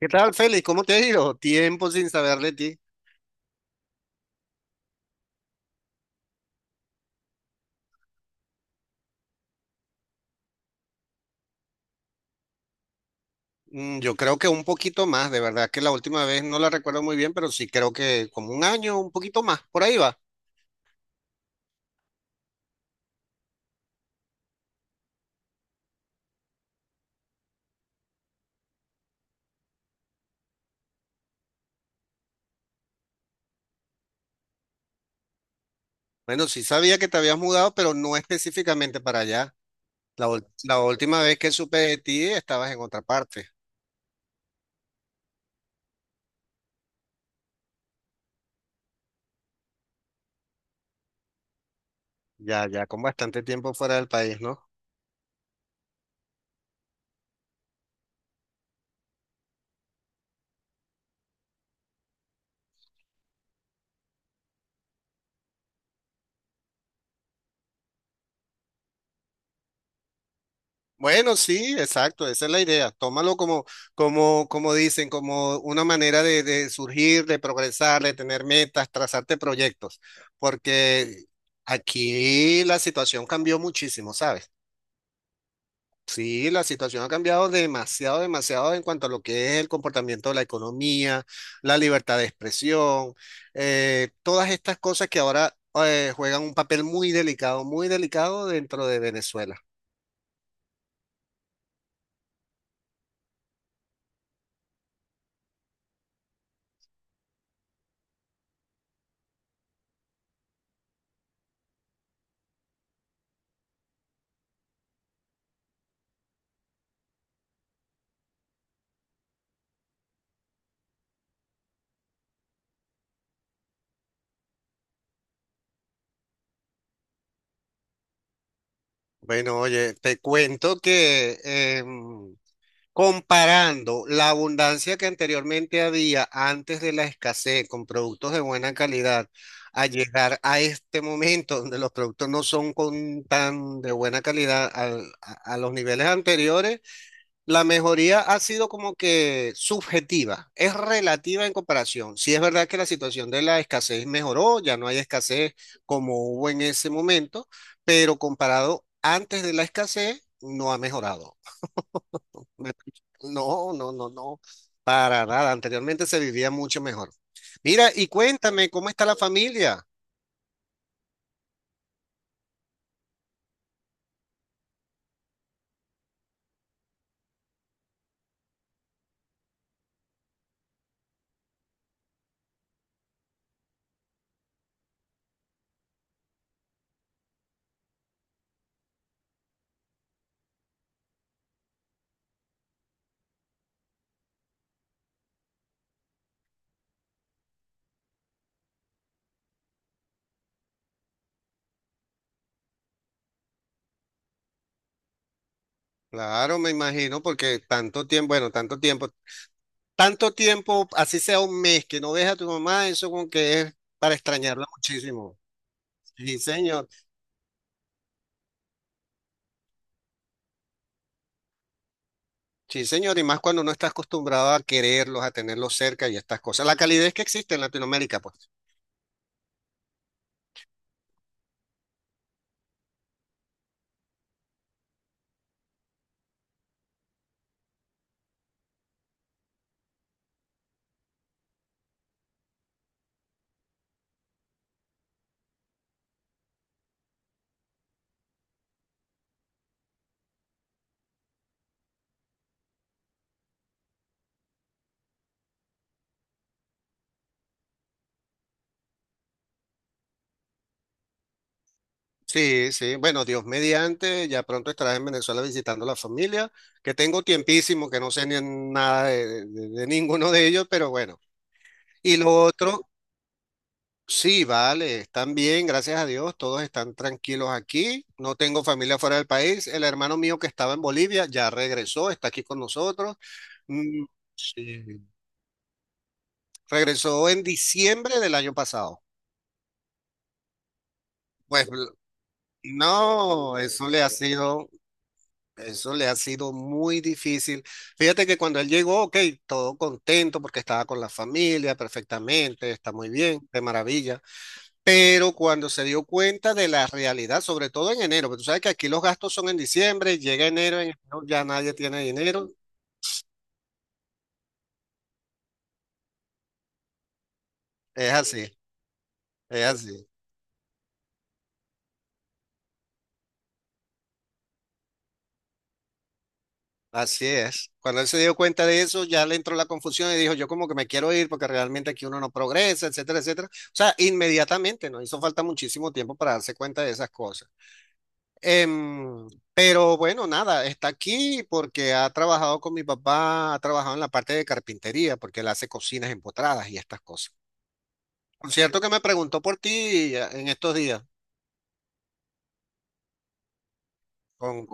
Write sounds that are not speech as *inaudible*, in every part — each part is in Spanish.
¿Qué tal, Félix? ¿Cómo te ha ido? Tiempo sin saber de ti. Yo creo que un poquito más, de verdad que la última vez no la recuerdo muy bien, pero sí creo que como un año, un poquito más, por ahí va. Bueno, sí sabía que te habías mudado, pero no *laughs* específicamente para allá. La última vez que supe de ti estabas en otra parte. Ya, ya con bastante tiempo fuera del país, ¿no? Bueno, sí, exacto, esa es la idea. Tómalo como dicen, como una manera de surgir, de progresar, de tener metas, trazarte proyectos, porque aquí la situación cambió muchísimo, ¿sabes? Sí, la situación ha cambiado demasiado, demasiado en cuanto a lo que es el comportamiento de la economía, la libertad de expresión, todas estas cosas que ahora juegan un papel muy delicado dentro de Venezuela. Bueno, oye, te cuento que comparando la abundancia que anteriormente había antes de la escasez con productos de buena calidad, a llegar a este momento donde los productos no son con tan de buena calidad a los niveles anteriores. La mejoría ha sido como que subjetiva, es relativa en comparación. Sí es verdad que la situación de la escasez mejoró, ya no hay escasez como hubo en ese momento, pero comparado antes de la escasez, no ha mejorado. Me- *laughs* No, no, no, no, para nada. Anteriormente se vivía mucho mejor. Mira, y cuéntame, ¿cómo está la familia? Claro, me imagino, porque tanto tiempo, bueno, tanto tiempo. Tanto tiempo, así sea un mes, que no ves a tu mamá, eso como que es para extrañarla muchísimo. Sí, señor. Sí, señor. Y más cuando no estás acostumbrado a quererlos, a tenerlos cerca y estas cosas. La calidez que existe en Latinoamérica, pues. Sí, sí. Bueno, Dios mediante, ya pronto estarás en Venezuela visitando a la familia, que tengo tiempísimo, que no sé ni nada de, de ninguno de ellos, pero bueno. Y lo otro, sí, vale, están bien, gracias a Dios, todos están tranquilos aquí. No tengo familia fuera del país. El hermano mío que estaba en Bolivia ya regresó, está aquí con nosotros. Mm, sí, Regresó en diciembre del año pasado. Pues l- no, eso le ha sido, eso le ha sido muy difícil. Fíjate que cuando él llegó, ok, todo contento porque estaba con la familia perfectamente, está muy bien, de maravilla. Pero cuando se dio cuenta de la realidad, sobre todo en enero, porque tú sabes que aquí los gastos son en diciembre, llega enero, en enero ya nadie tiene dinero. Es así, es así, así es. Cuando él se dio cuenta de eso, ya le entró la confusión y dijo, yo como que me quiero ir porque realmente aquí uno no progresa, etcétera, etcétera. O sea, inmediatamente, nos hizo falta muchísimo tiempo para darse cuenta de esas cosas. Em, pero bueno, nada, está aquí porque ha trabajado con mi papá, ha trabajado en la parte de carpintería, porque él hace cocinas empotradas y estas cosas. Por cierto que me preguntó por ti en estos días, con,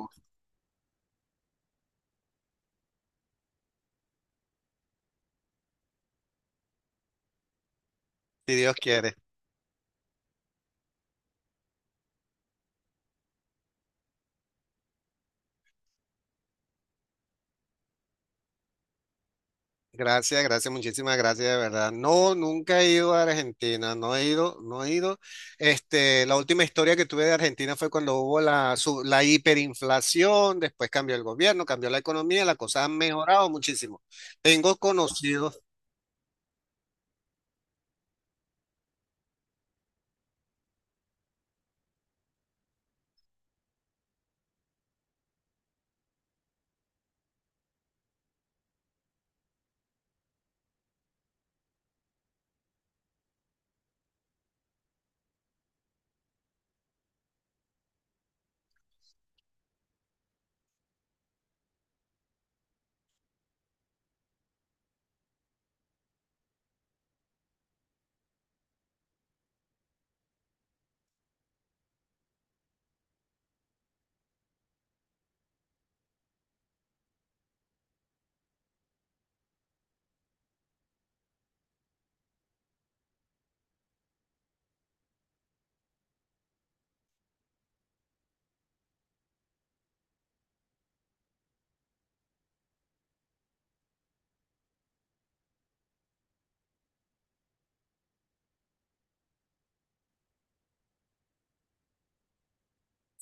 si Dios quiere. Gracias, gracias, muchísimas gracias, de verdad. No, nunca he ido a Argentina, no he ido, no he ido. Este, la última historia que tuve de Argentina fue cuando hubo la hiperinflación, después cambió el gobierno, cambió la economía, las cosas han mejorado muchísimo. Tengo conocidos,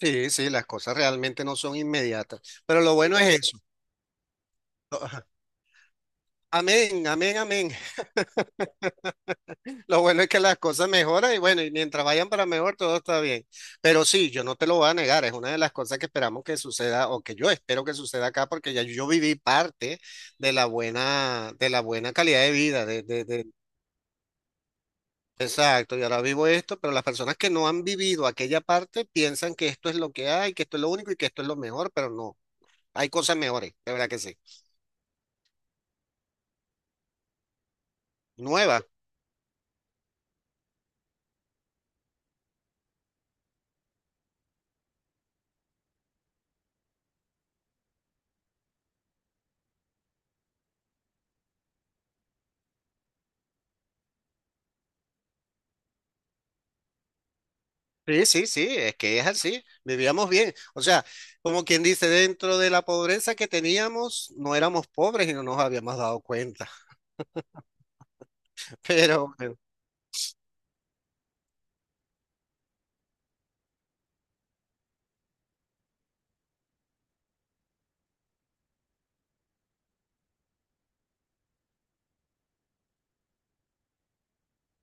sí, sí, las cosas realmente no son inmediatas, pero lo bueno es eso. Amén, amén, amén. Lo bueno es que las cosas mejoran y bueno, y mientras vayan para mejor, todo está bien. Pero sí, yo no te lo voy a negar, es una de las cosas que esperamos que suceda o que yo espero que suceda acá porque ya yo viví parte de la buena calidad de vida, de. Exacto, y ahora vivo esto, pero las personas que no han vivido aquella parte piensan que esto es lo que hay, que esto es lo único y que esto es lo mejor, pero no, hay cosas mejores, de verdad que sí. Nuevas. Sí, sí, sí, es que es así, vivíamos bien. O sea, como quien dice, dentro de la pobreza que teníamos, no éramos pobres y no nos habíamos dado cuenta. *laughs* Pero, bueno,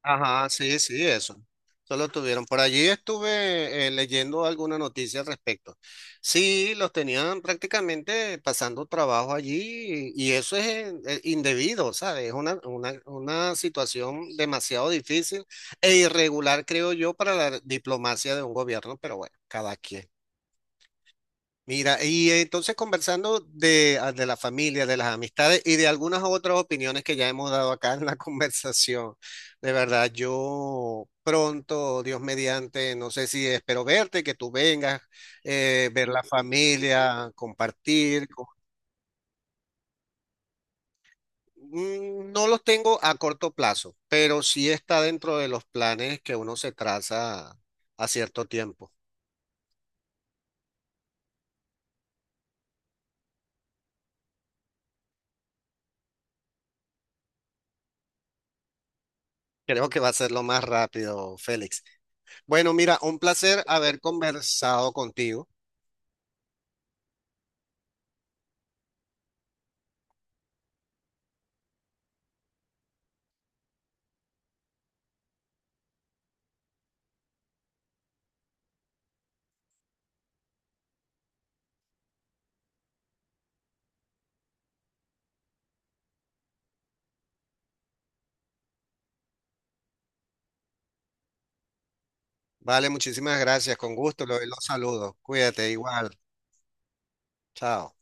ajá, sí, sí, eso. Solo tuvieron. Por allí estuve leyendo alguna noticia al respecto. Sí, los tenían prácticamente pasando trabajo allí y eso es indebido, ¿sabes? Es una situación demasiado difícil e irregular, creo yo, para la diplomacia de un gobierno, pero bueno, cada quien. Mira, y entonces conversando de, ah, de la familia, de las amistades y de algunas otras opiniones que ya hemos dado acá en la *laughs* conversación, de verdad, yo pronto, Dios mediante, no sé si espero verte, que tú vengas, ver la familia, compartir. No los tengo a corto plazo, pero sí está dentro de los planes que uno se traza a cierto tiempo. Creo que va a ser lo más rápido, Félix. Bueno, mira, un placer haber conversado contigo. Vale, muchísimas gracias. Con gusto, los saludos. Cuídate igual. Chao.